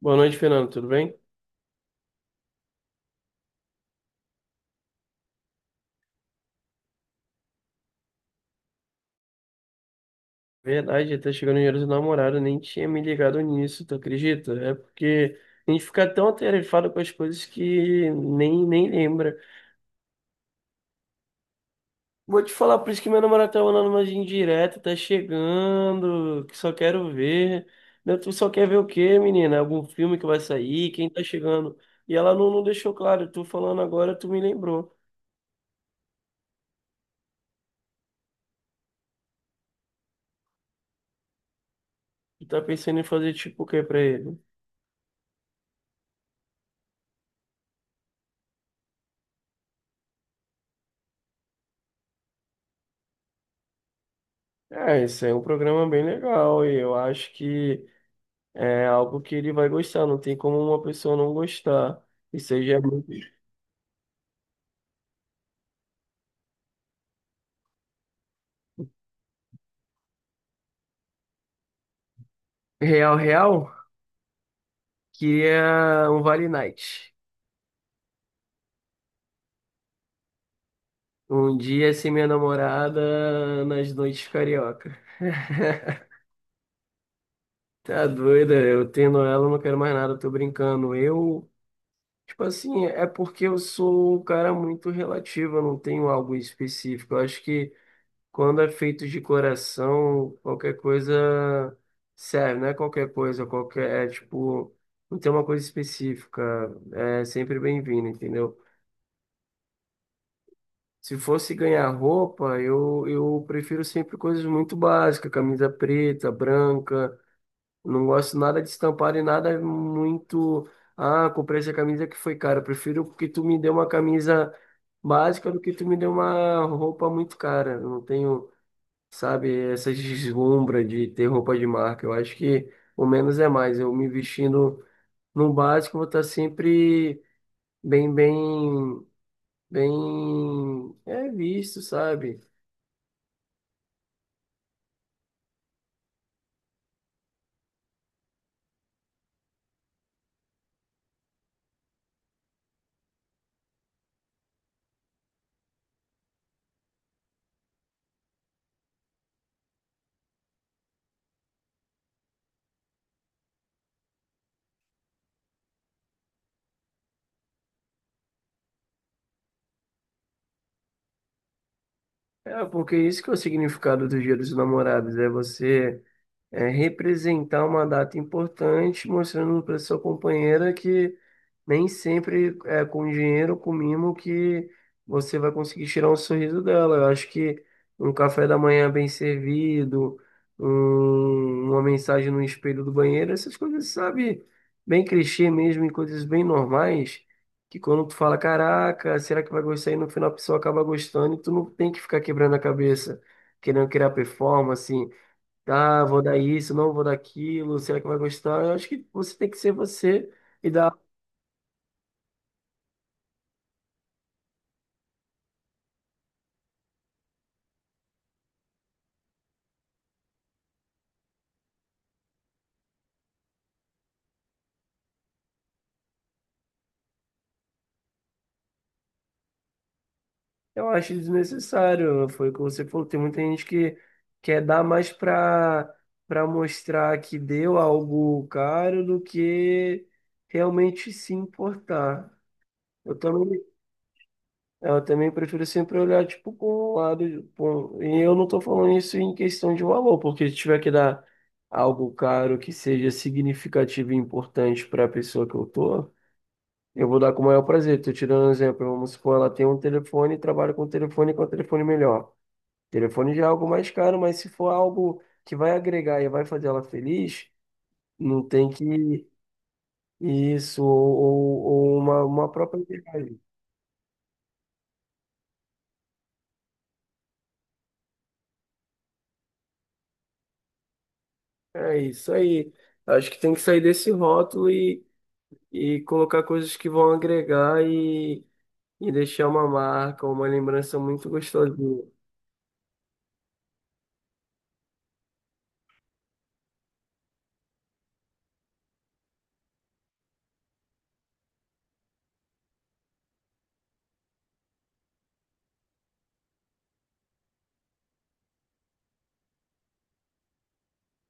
Boa noite, Fernando. Tudo bem? Verdade, tá chegando o dinheiro do namorado, nem tinha me ligado nisso, tu acredita? É porque a gente fica tão atarefado com as coisas que nem lembra. Vou te falar, por isso que meu namorado tá mandando umas indiretas, tá chegando, que só quero ver. Não, tu só quer ver o quê, menina? Algum filme que vai sair? Quem tá chegando? E ela não deixou claro, tu falando agora, tu me lembrou. Tu tá pensando em fazer tipo o quê pra ele? É, esse é um programa bem legal e eu acho que. É algo que ele vai gostar, não tem como uma pessoa não gostar. Isso aí já é muito... Real, real, queria um Vale Night. Um dia sem minha namorada nas noites carioca. Tá doida, eu tendo ela, eu não quero mais nada, eu tô brincando. Eu, tipo assim, é porque eu sou um cara muito relativo, eu não tenho algo específico. Eu acho que quando é feito de coração, qualquer coisa serve, não é qualquer coisa, qualquer, é tipo, não tem uma coisa específica, é sempre bem-vindo, entendeu? Se fosse ganhar roupa, eu prefiro sempre coisas muito básicas, camisa preta, branca, não gosto nada de estampar e nada muito, ah, comprei essa camisa que foi cara, eu prefiro que tu me dê uma camisa básica do que tu me dê uma roupa muito cara, eu não tenho sabe? Essa deslumbra de ter roupa de marca. Eu acho que o menos é mais. Eu me vestindo no básico, vou estar sempre bem, bem, bem é visto, sabe? É, porque isso que é o significado do Dia dos Namorados, é você é, representar uma data importante, mostrando para sua companheira que nem sempre é com dinheiro, com mimo, que você vai conseguir tirar um sorriso dela. Eu acho que um café da manhã bem servido, uma mensagem no espelho do banheiro, essas coisas, sabe, bem clichê mesmo, e coisas bem normais, que quando tu fala, caraca, será que vai gostar? E no final a pessoa acaba gostando e tu não tem que ficar quebrando a cabeça, querendo criar performance, ah, vou dar isso, não vou dar aquilo, será que vai gostar? Eu acho que você tem que ser você. E dar Eu acho desnecessário. Foi o que você falou. Tem muita gente que quer dar mais para mostrar que deu algo caro do que realmente se importar. Eu também, eu também prefiro sempre olhar tipo com o lado. E eu não estou falando isso em questão de valor, porque se tiver que dar algo caro que seja significativo e importante para a pessoa que eu tô, eu vou dar com o maior prazer. Estou tirando um exemplo. Vamos supor, ela tem um telefone e trabalha com um telefone melhor. Telefone já é algo mais caro, mas se for algo que vai agregar e vai fazer ela feliz, não tem que isso, ou- ou uma própria viagem. É isso aí. Acho que tem que sair desse rótulo e, colocar coisas que vão agregar e deixar uma marca, uma lembrança muito gostosinha.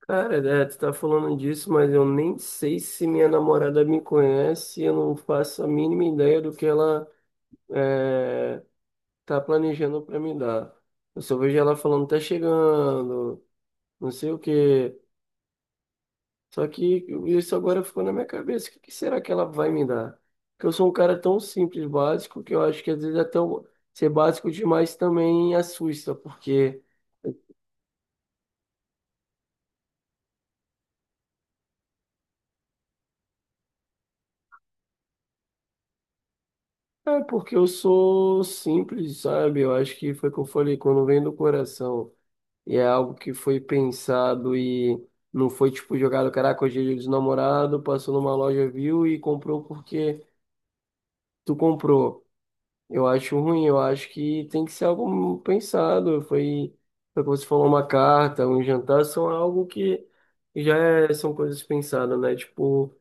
Cara, né, tu tá falando disso, mas eu nem sei se minha namorada me conhece, eu não faço a mínima ideia do que ela. É, tá planejando pra me dar. Eu só vejo ela falando, tá chegando, não sei o quê. Só que isso agora ficou na minha cabeça. O que que será que ela vai me dar? Porque eu sou um cara tão simples, básico, que eu acho que às vezes até eu ser básico demais também assusta, porque é porque eu sou simples, sabe? Eu acho que foi o que eu falei, quando vem do coração e é algo que foi pensado e não foi tipo jogado, caraca, hoje é dia dos namorados, passou numa loja, viu e comprou porque tu comprou. Eu acho ruim, eu acho que tem que ser algo pensado. Foi como você falou, uma carta, um jantar, são algo que são coisas pensadas, né? Tipo,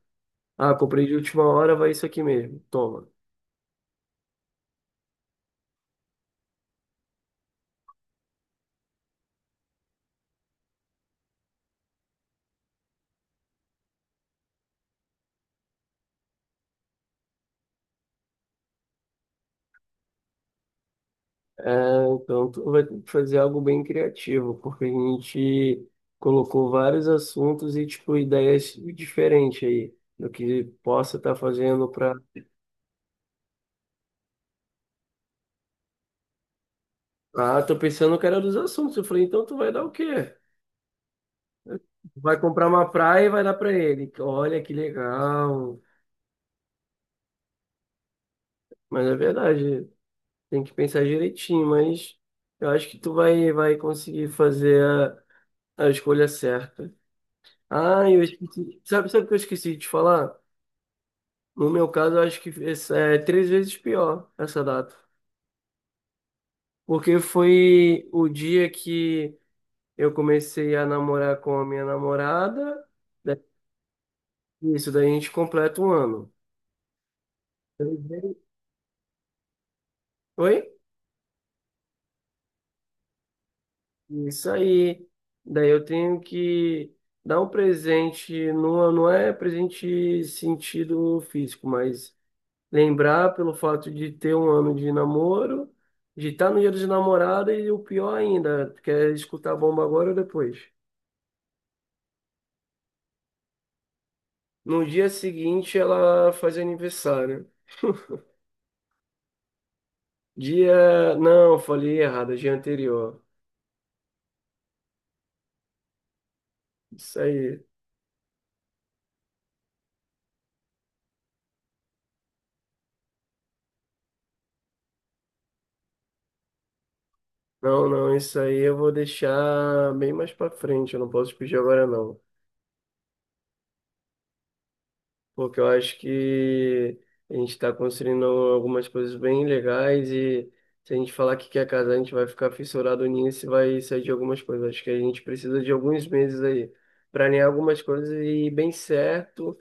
ah, comprei de última hora, vai isso aqui mesmo, toma. É, então tu vai ter que fazer algo bem criativo, porque a gente colocou vários assuntos e, tipo, ideias diferentes aí do que possa estar fazendo pra. Ah, tô pensando que era dos assuntos. Eu falei, então tu vai dar o quê? Vai comprar uma praia e vai dar pra ele. Olha que legal. Mas é verdade, tem que pensar direitinho, mas eu acho que tu vai conseguir fazer a escolha certa. Ah, eu esqueci. Sabe, sabe o que eu esqueci de te falar? No meu caso, eu acho que é três vezes pior essa data. Porque foi o dia que eu comecei a namorar com a minha namorada. Da- Isso, daí a gente completa um ano. Eu- Oi? Isso aí. Daí eu tenho que dar um presente, não, não é presente sentido físico, mas lembrar pelo fato de ter um ano de namoro, de estar no dia dos namorados e o pior ainda, quer escutar a bomba agora ou depois. No dia seguinte ela faz aniversário. Dia. Não, falei errado, dia anterior. Isso aí. Não, não, isso aí eu vou deixar bem mais pra frente, eu não posso pedir agora não. Porque eu acho que a gente está construindo algumas coisas bem legais e se a gente falar que quer casar, a gente vai ficar fissurado nisso e vai sair de algumas coisas. Acho que a gente precisa de alguns meses aí, planear algumas coisas e ir bem certo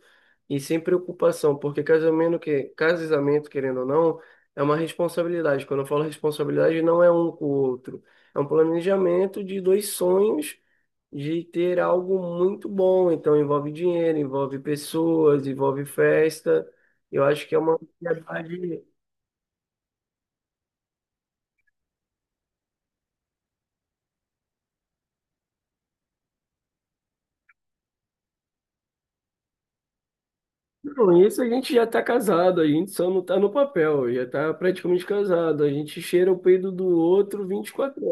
e sem preocupação, porque casamento, querendo ou não, é uma responsabilidade. Quando eu falo responsabilidade, não é um com o outro, é um planejamento de dois sonhos de ter algo muito bom. Então, envolve dinheiro, envolve pessoas, envolve festa. Eu acho que é uma ansiedade. Não, isso a gente já está casado, a gente só não está no papel, já está praticamente casado. A gente cheira o peido do outro 24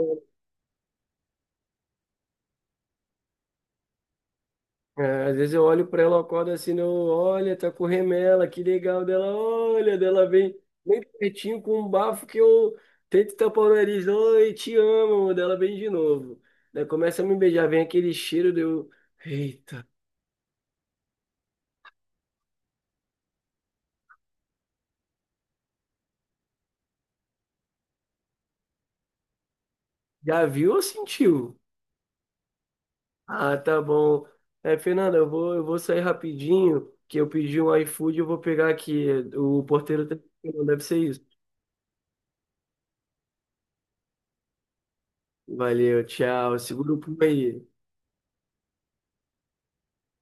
É, às vezes eu olho pra ela, eu acordo assim, né, eu olha, tá com remela, que legal dela, olha, dela vem bem pertinho com um bafo que eu tento tapar o nariz, oi, te amo, dela vem de novo. Daí começa a me beijar, vem aquele cheiro, deu, eita, já viu ou sentiu? Ah, tá bom. É, Fernanda, eu vou sair rapidinho, que eu pedi um iFood, eu vou pegar aqui, o porteiro tá... deve ser isso. Valeu, tchau, segura o pulo aí.